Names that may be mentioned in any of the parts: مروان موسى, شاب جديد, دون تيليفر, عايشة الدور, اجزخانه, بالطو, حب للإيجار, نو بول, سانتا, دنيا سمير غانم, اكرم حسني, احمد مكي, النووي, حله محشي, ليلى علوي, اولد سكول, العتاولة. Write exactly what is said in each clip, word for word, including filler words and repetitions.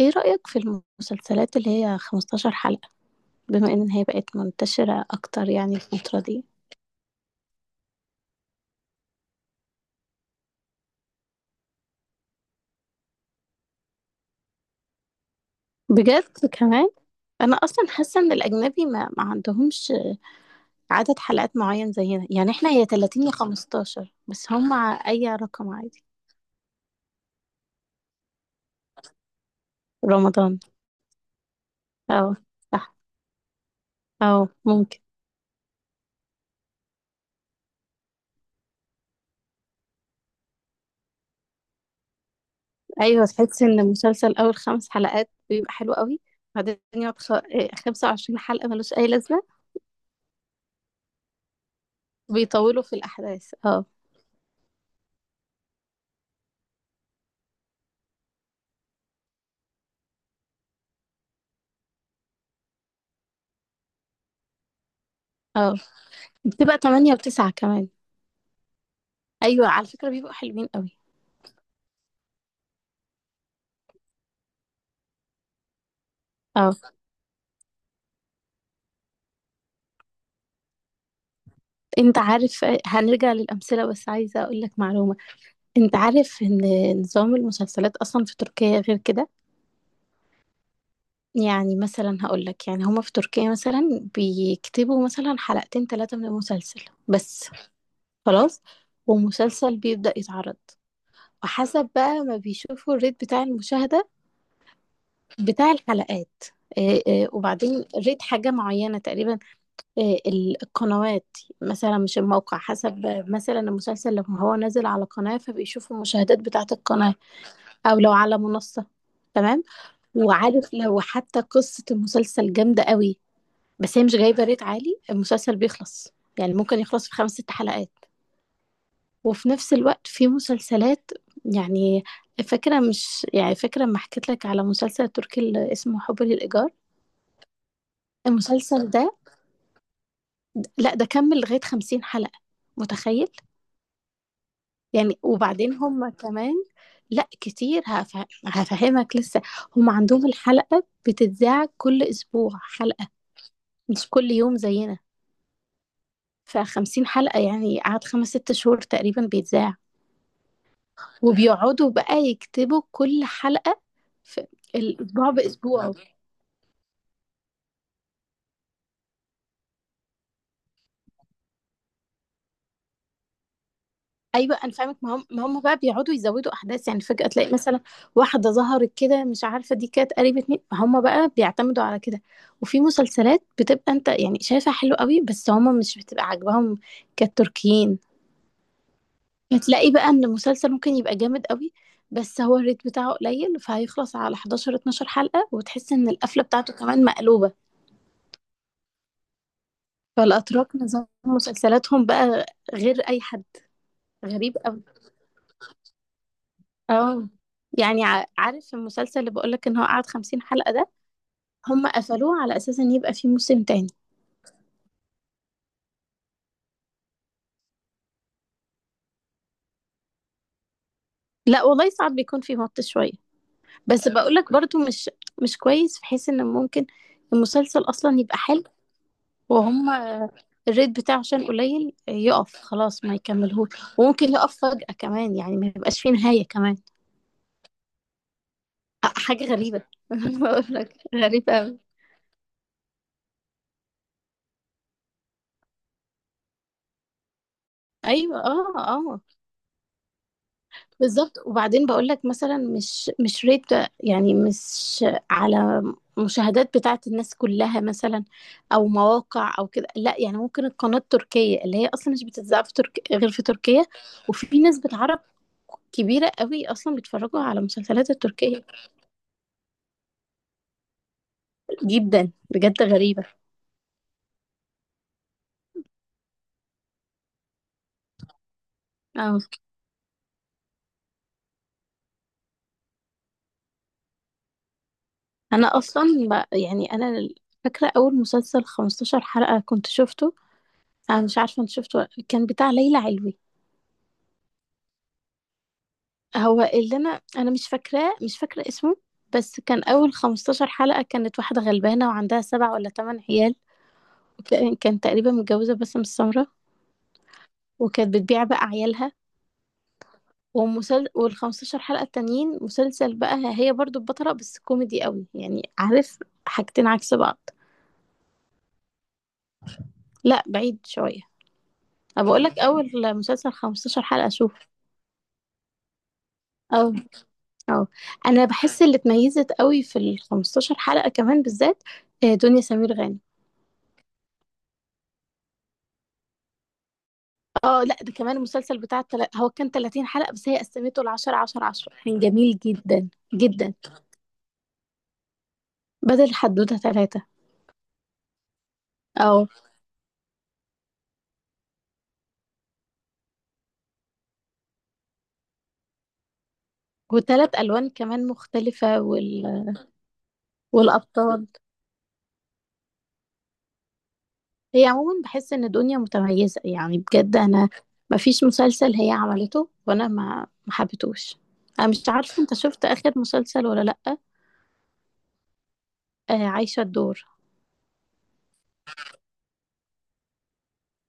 ايه رأيك في المسلسلات اللي هي 15 حلقة بما ان هي بقت منتشرة اكتر يعني الفترة دي؟ بجد كمان؟ انا اصلا حاسة ان الاجنبي ما, ما عندهمش عدد حلقات معين زينا، يعني احنا هي ثلاثين يا خمستاشر، بس هم ع- اي رقم عادي. رمضان. اه، صح. اه، ممكن. ايوه، تحس ان المسلسل اول خمس حلقات بيبقى حلو قوي، بعدين يقعد خ- إيه، 25 حلقة ملوش اي لازمة. بيطولوا في الاحداث، اه. اه، بتبقى ثمانية وتسعة و9 كمان. ايوه، على فكره بيبقوا حلوين قوي. اه. انت عارف هنرجع للامثله، بس عايزه اقول لك معلومه. انت عارف ان نظام المسلسلات اصلا في تركيا غير كده؟ يعني مثلا هقول لك، يعني هما في تركيا مثلا بيكتبوا مثلا حلقتين ثلاثه من المسلسل بس. خلاص، ومسلسل بيبدا يتعرض. وحسب بقى ما بيشوفوا الريت بتاع المشاهده، بتاع الحلقات. آه، آه، وبعدين ريت حاجه معينه تقريبا. آه، ال- القنوات، مثلا مش الموقع، حسب مثلا المسلسل لو هو نازل على قناة فبيشوفوا المشاهدات بتاعة القناة، أو لو على منصة. تمام. وعارف لو حتى قصة المسلسل جامدة قوي بس هي مش جايبة ريت عالي المسلسل بيخلص، يعني ممكن يخلص في خمس ست حلقات. وفي نفس الوقت في مسلسلات، يعني فاكرة، مش يعني فاكرة ما حكيت لك على مسلسل تركي اللي اسمه حب للإيجار. المسلسل ده، لا ده كمل لغاية خمسين حلقة، متخيل؟ يعني وبعدين هم كمان، لا كتير، هف- هفهمك لسه. هم عندهم الحلقة بتتذاع كل أسبوع حلقة، مش كل يوم زينا. فخمسين حلقة يعني قعد خمس ست شهور تقريبا بيتذاع، وبيقعدوا بقى يكتبوا كل حلقة في الأسبوع بأسبوعه. ايوه، انا فاهمك، ما هم ما هم بقى بيقعدوا يزودوا احداث، يعني فجأة تلاقي مثلا واحدة ظهرت كده مش عارفة دي كانت قريبة مين، هم بقى بيعتمدوا على كده. وفي مسلسلات بتبقى انت يعني شايفها حلو قوي بس هم مش بتبقى عاجباهم كالتركيين. هتلاقي بقى ان المسلسل ممكن يبقى جامد قوي بس هو الريت بتاعه قليل فهيخلص على حداشر 12 حلقة، وتحس ان القفلة بتاعته كمان مقلوبة. فالاتراك نظام مسلسلاتهم بقى غير اي حد. غريب قوي. اه، يعني ع- عارف المسلسل اللي بقولك ان هو قعد خمسين حلقة ده، هم قفلوه على اساس ان يبقى فيه موسم تاني. لا والله، صعب بيكون فيه مط شوية. بس بقولك برضو مش مش كويس، في حيث ان ممكن المسلسل اصلا يبقى حلو، وهم الريت بتاعه عشان قليل يقف، خلاص ما يكملهوش. وممكن يقف فجأة كمان، يعني ما يبقاش فيه نهاية كمان. أ- حاجة غريبة. بقولك غريبة أوي. ايوه، اه، اه، بالظبط. وبعدين بقول لك مثلا، مش مش ريت يعني، مش على مشاهدات بتاعت الناس كلها مثلا او مواقع او كده، لا، يعني ممكن القناة التركية اللي هي اصلا مش بتتذاع في ترك... غير في تركيا. وفي نسبة عرب كبيرة قوي اصلا بيتفرجوا على مسلسلات التركية. جدا، بجد غريبة. اه. انا اصلا ب... يعني انا فاكرة اول مسلسل 15 حلقة كنت شفته، انا مش عارفة انت شفته، كان بتاع ليلى علوي. هو اللي انا انا مش فاكراه، مش فاكره اسمه، بس كان اول خمستاشر حلقة حلقه كانت واحده غلبانه وعندها سبع ولا ثمان عيال. وكان- كانت تقريبا متجوزه باسم السمره، وكانت بتبيع بقى عيالها. ومسل... وال خمستاشر حلقة حلقه التانيين مسلسل بقى هي برضو البطله، بس كوميدي قوي يعني، عارف، حاجتين عكس بعض. لا، بعيد شويه. انا بقول لك اول مسلسل خمس عشرة حلقة حلقه، شوف. اه، اه. انا بحس اللي اتميزت قوي في ال خمستاشر حلقة حلقه كمان بالذات، آه، دنيا سمير غانم. اه، لا ده كمان المسلسل بتاع التل... هو كان 30 حلقة بس هي قسمته ل عشر عشر عشر، كان جميل جدا جدا، بدل حدوتة ثلاثة. اه، وثلاث ألوان كمان مختلفة، وال... والأبطال. هي عموما بحس إن دنيا متميزة، يعني بجد أنا ما فيش مسلسل هي عملته وأنا ما ما حبيتهوش. أنا مش عارفة أنت شفت آخر مسلسل ولا لأ. آه عايشة الدور.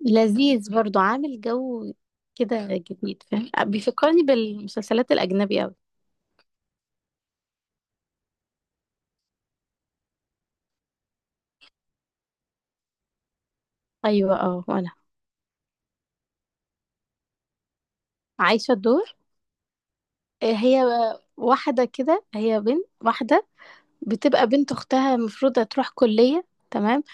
لذيذ، برضو عامل جو كده جديد، فاهم، بيفكرني بالمسلسلات الأجنبي أوي. أيوة، اه، وأنا. عايشة الدور. آه، هي واحدة كده، هي بنت واحدة بتبقى بنت أختها المفروض هتروح كلية. تمام.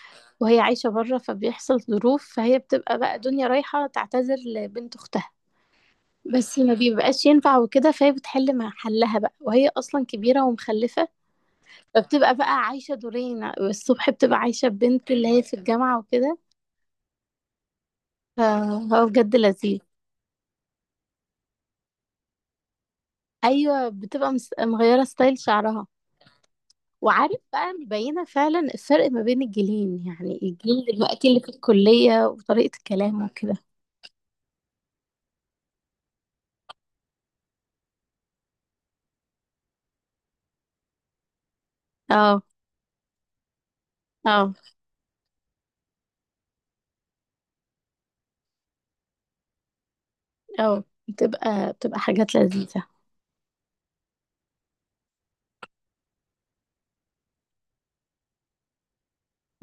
وهي عايشة بره فبيحصل ظروف فهي بتبقى بقى دنيا رايحة تعتذر لبنت أختها، بس ما بيبقاش ينفع وكده، فهي بتحل مع حلها بقى، وهي أصلا كبيرة ومخلفة. فبتبقى بقى عايشة دورين، الصبح بتبقى عايشة بنت اللي هي في الجامعة وكده. فهو بجد لذيذ. أيوة، بتبقى مس- مغيرة ستايل شعرها. وعارف بقى مبينة فعلا الفرق ما بين الجيلين، يعني الجيل دلوقتي اللي في الكلية وطريقة الكلام وكده. اه، اه، اه. بتبقى بتبقى حاجات لذيذة.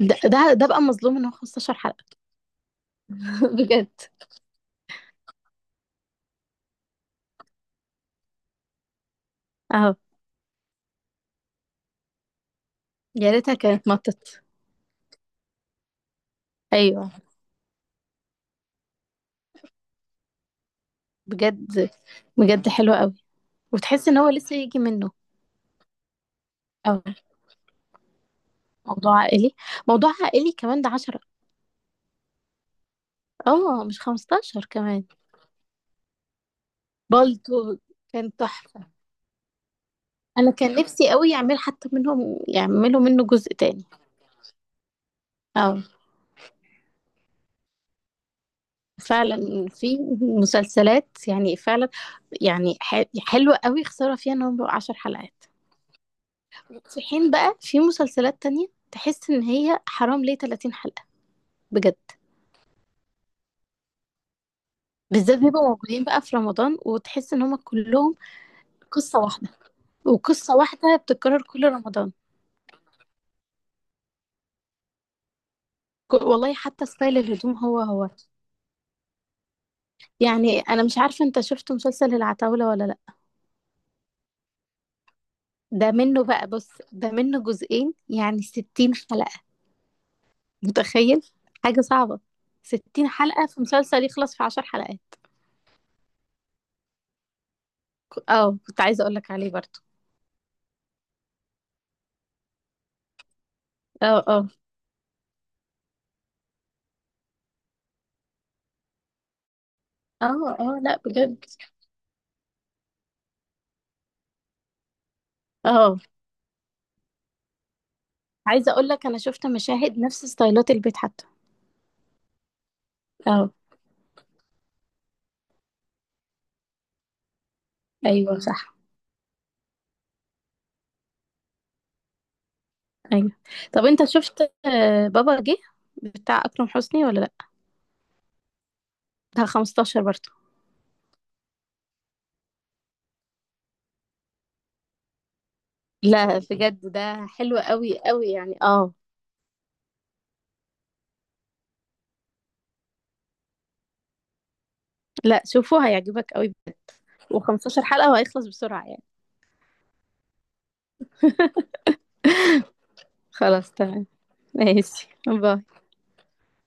ده ده, ده بقى مظلوم ان هو 15 حلقة. بجد، اه، يا ريتها كانت مطت. ايوه، بجد بجد حلوة قوي، وتحس ان هو لسه يجي منه. اه، موضوع عائلي. موضوع عائلي كمان، ده عشر، اه، مش خمستاشر كمان. بالطو كان تحفة. انا كان نفسي قوي يعمل، حتى منهم يعملوا منه جزء تاني. اه، فعلا في مسلسلات يعني فعلا، يعني ح- حلوة قوي، خسارة فيها ان هم بقوا 10 حلقات. في حين بقى في مسلسلات تانية تحس ان هي حرام ليه 30 حلقة، بجد. بالذات بيبقوا موجودين بقى في رمضان، وتحس ان هم كلهم قصة واحدة، وقصة واحدة بتتكرر كل رمضان. ك- والله حتى ستايل الهدوم هو هو. يعني انا مش عارفة انت شفت مسلسل العتاولة ولا؟ ده منه بقى، بص، ده منه جزئين، يعني ستين حلقة، متخيل؟ حاجة صعبة، ستين حلقة في مسلسل يخلص في عشر حلقات. ك- اه، كنت عايزة اقولك عليه برضو. اه، اه، اه، اه، لا، بجد، اه. عايزة اقولك انا شفت مشاهد نفس ستايلات البيت حتى. اه، ايوه، صح، ايوه. طب انت شفت آه، بابا جه بتاع اكرم حسني ولا لا؟ ده خمستاشر برضو. لا، بجد، ده حلو قوي قوي يعني، اه. لا، شوفوا، هيعجبك قوي، و15 حلقة وهيخلص بسرعة يعني. خلاص، تمام. ماشي، باي.